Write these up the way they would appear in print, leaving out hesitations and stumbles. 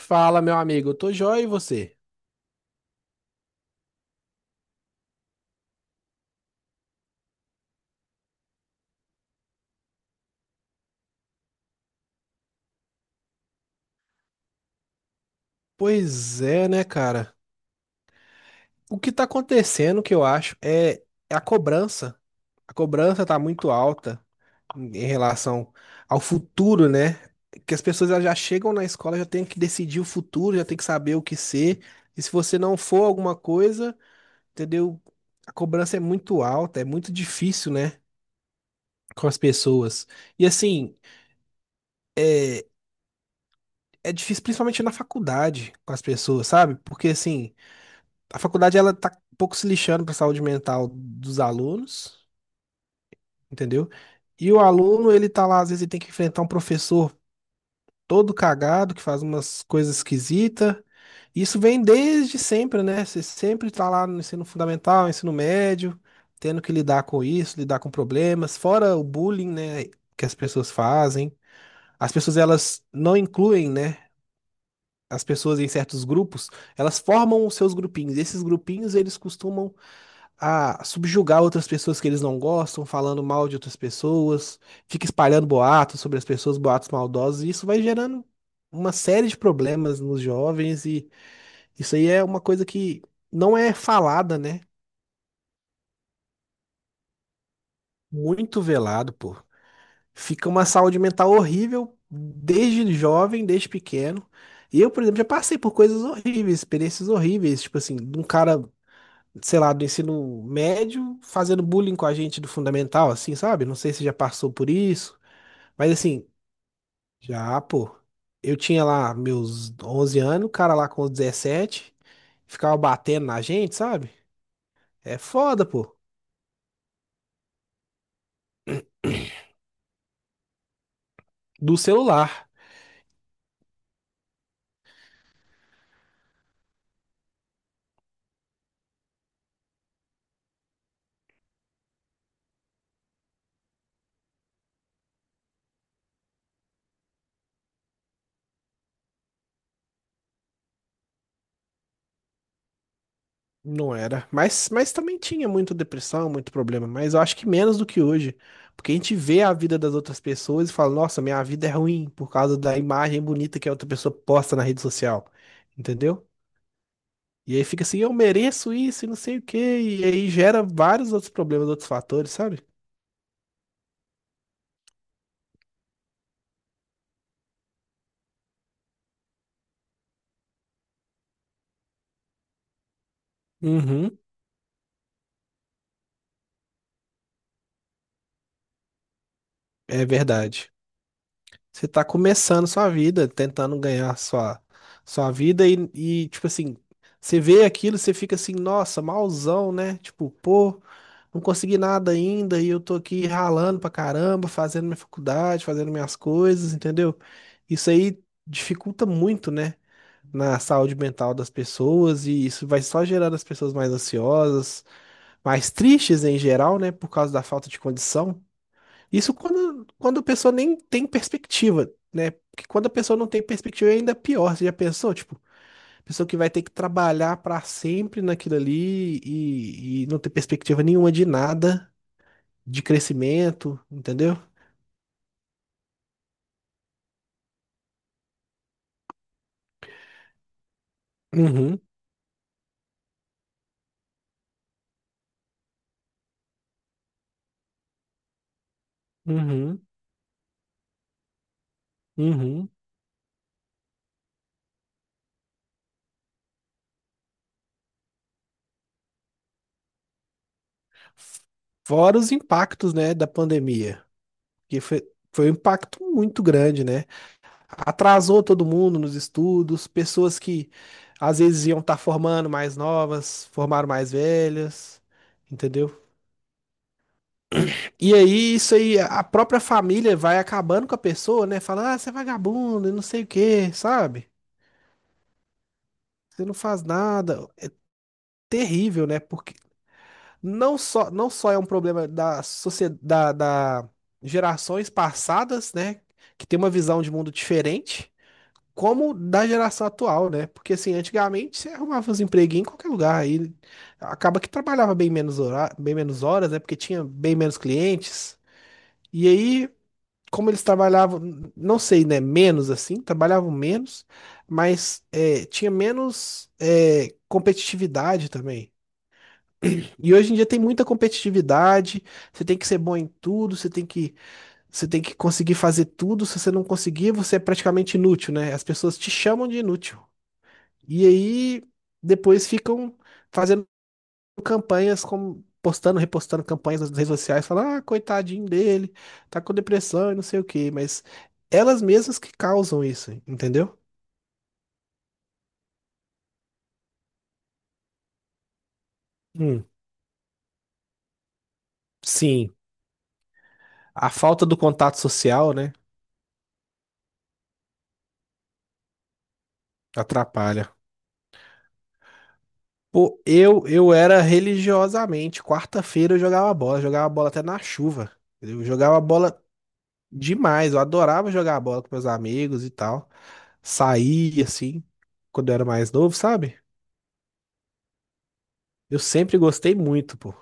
Fala, meu amigo, eu tô joia e você? Pois é, né, cara? O que tá acontecendo, que eu acho, é a cobrança. A cobrança tá muito alta em relação ao futuro, né? Que as pessoas elas já chegam na escola, já tem que decidir o futuro, já tem que saber o que ser. E se você não for alguma coisa, entendeu? A cobrança é muito alta, é muito difícil, né? Com as pessoas. E assim, é, é difícil principalmente na faculdade com as pessoas, sabe? Porque assim, a faculdade ela tá um pouco se lixando para a saúde mental dos alunos, entendeu? E o aluno, ele tá lá, às vezes ele tem que enfrentar um professor todo cagado, que faz umas coisas esquisitas. Isso vem desde sempre, né? Você sempre tá lá no ensino fundamental, ensino médio, tendo que lidar com isso, lidar com problemas, fora o bullying, né, que as pessoas fazem. As pessoas elas não incluem, né, as pessoas em certos grupos, elas formam os seus grupinhos. E esses grupinhos, eles costumam a subjugar outras pessoas que eles não gostam, falando mal de outras pessoas, fica espalhando boatos sobre as pessoas, boatos maldosos, e isso vai gerando uma série de problemas nos jovens, e isso aí é uma coisa que não é falada, né? Muito velado, pô. Fica uma saúde mental horrível desde jovem, desde pequeno. E eu, por exemplo, já passei por coisas horríveis, experiências horríveis, tipo assim, de um cara sei lá, do ensino médio fazendo bullying com a gente do fundamental, assim, sabe? Não sei se já passou por isso, mas assim, já, pô. Eu tinha lá meus 11 anos, o cara lá com os 17 ficava batendo na gente, sabe? É foda, pô. Do celular, não era. Mas também tinha muita depressão, muito problema, mas eu acho que menos do que hoje. Porque a gente vê a vida das outras pessoas e fala, nossa, minha vida é ruim por causa da imagem bonita que a outra pessoa posta na rede social. Entendeu? E aí fica assim, eu mereço isso e não sei o quê. E aí gera vários outros problemas, outros fatores, sabe? Uhum. É verdade. Você tá começando sua vida, tentando ganhar sua, sua vida e, tipo assim, você vê aquilo, você fica assim, nossa, malzão, né? Tipo, pô, não consegui nada ainda e eu tô aqui ralando pra caramba, fazendo minha faculdade, fazendo minhas coisas, entendeu? Isso aí dificulta muito, né? Na saúde mental das pessoas e isso vai só gerando as pessoas mais ansiosas, mais tristes em geral, né? Por causa da falta de condição. Isso quando, quando a pessoa nem tem perspectiva, né? Porque quando a pessoa não tem perspectiva é ainda pior. Você já pensou, tipo, pessoa que vai ter que trabalhar pra sempre naquilo ali e não ter perspectiva nenhuma de nada, de crescimento, entendeu? Uhum, uhum, uhum. Fora os impactos, né, da pandemia, que foi, foi um impacto muito grande, né? Atrasou todo mundo nos estudos, pessoas que às vezes iam estar formando mais novas, formaram mais velhas, entendeu? E aí isso aí, a própria família vai acabando com a pessoa, né? Fala, ah, você é vagabundo, e não sei o quê, sabe? Você não faz nada. É terrível, né? Porque não só, não só é um problema da sociedade, da gerações passadas, né? Que tem uma visão de mundo diferente como da geração atual, né? Porque assim, antigamente você arrumava uns empreguinhos em qualquer lugar, aí acaba que trabalhava bem menos hora, bem menos horas, né? Porque tinha bem menos clientes. E aí, como eles trabalhavam, não sei, né? Menos assim, trabalhavam menos, mas é, tinha menos é, competitividade também. E hoje em dia tem muita competitividade, você tem que ser bom em tudo, você tem que conseguir fazer tudo. Se você não conseguir, você é praticamente inútil, né? As pessoas te chamam de inútil. E aí depois ficam fazendo campanhas como postando, repostando campanhas nas redes sociais, falando, ah, coitadinho dele, tá com depressão e não sei o quê, mas elas mesmas que causam isso, entendeu? Hum, sim, a falta do contato social, né, atrapalha. Pô, eu era religiosamente, quarta-feira eu jogava bola até na chuva. Eu jogava bola demais, eu adorava jogar bola com meus amigos e tal. Saía assim, quando eu era mais novo, sabe? Eu sempre gostei muito, pô.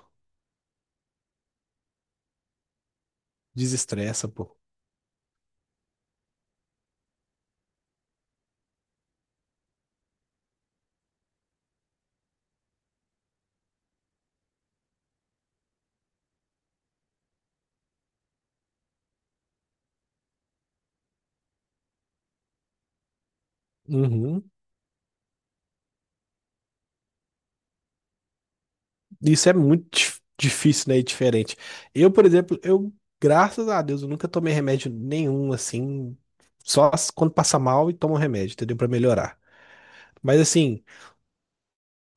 Desestressa, pô. Uhum. Isso é muito difícil, né? E diferente. Eu, por exemplo, eu, graças a Deus, eu nunca tomei remédio nenhum, assim. Só quando passa mal e toma um remédio, entendeu? Pra melhorar. Mas, assim,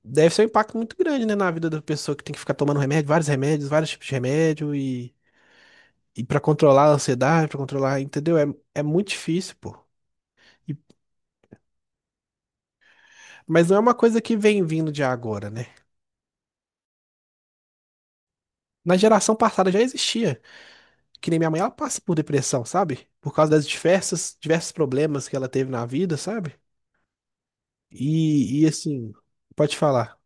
deve ser um impacto muito grande, né? Na vida da pessoa que tem que ficar tomando remédio, vários remédios, vários tipos de remédio e. E pra controlar a ansiedade, pra controlar, entendeu? É, é muito difícil, pô. E- mas não é uma coisa que vem vindo de agora, né? Na geração passada já existia. Que nem minha mãe, ela passa por depressão, sabe? Por causa das diversas, diversos problemas que ela teve na vida, sabe? E assim, pode falar,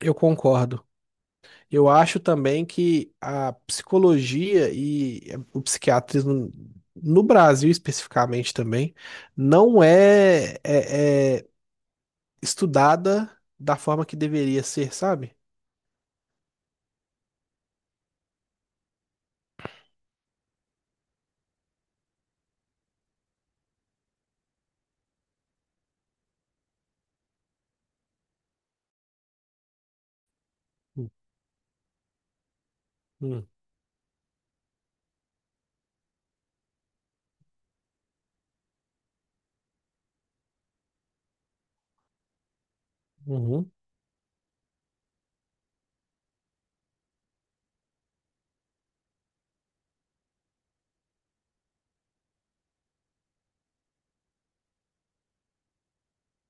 eu concordo. Eu acho também que a psicologia e o psiquiatrismo, no Brasil especificamente também, não é, é estudada da forma que deveria ser, sabe? Hum, hum, uhum.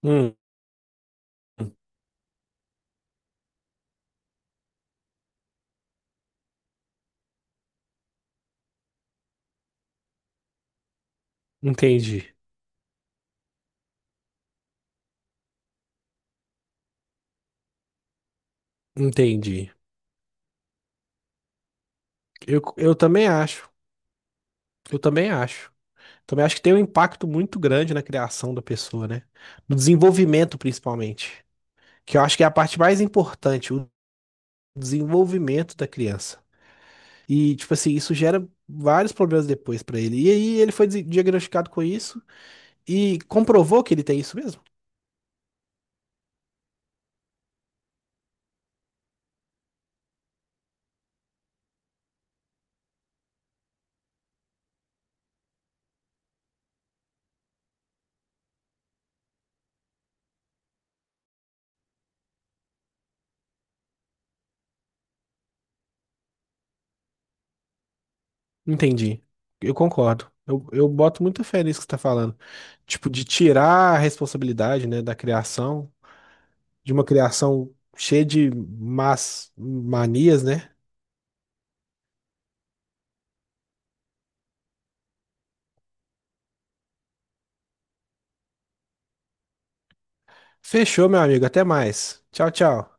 Hum, entendi, entendi. Eu também acho, eu também acho. Também acho que tem um impacto muito grande na criação da pessoa, né? No desenvolvimento, principalmente. Que eu acho que é a parte mais importante, o desenvolvimento da criança. E, tipo assim, isso gera vários problemas depois pra ele. E aí ele foi diagnosticado com isso e comprovou que ele tem isso mesmo. Entendi. Eu concordo. Eu boto muita fé nisso que você tá falando. Tipo, de tirar a responsabilidade, né, da criação, de uma criação cheia de más manias, né? Fechou, meu amigo. Até mais. Tchau, tchau.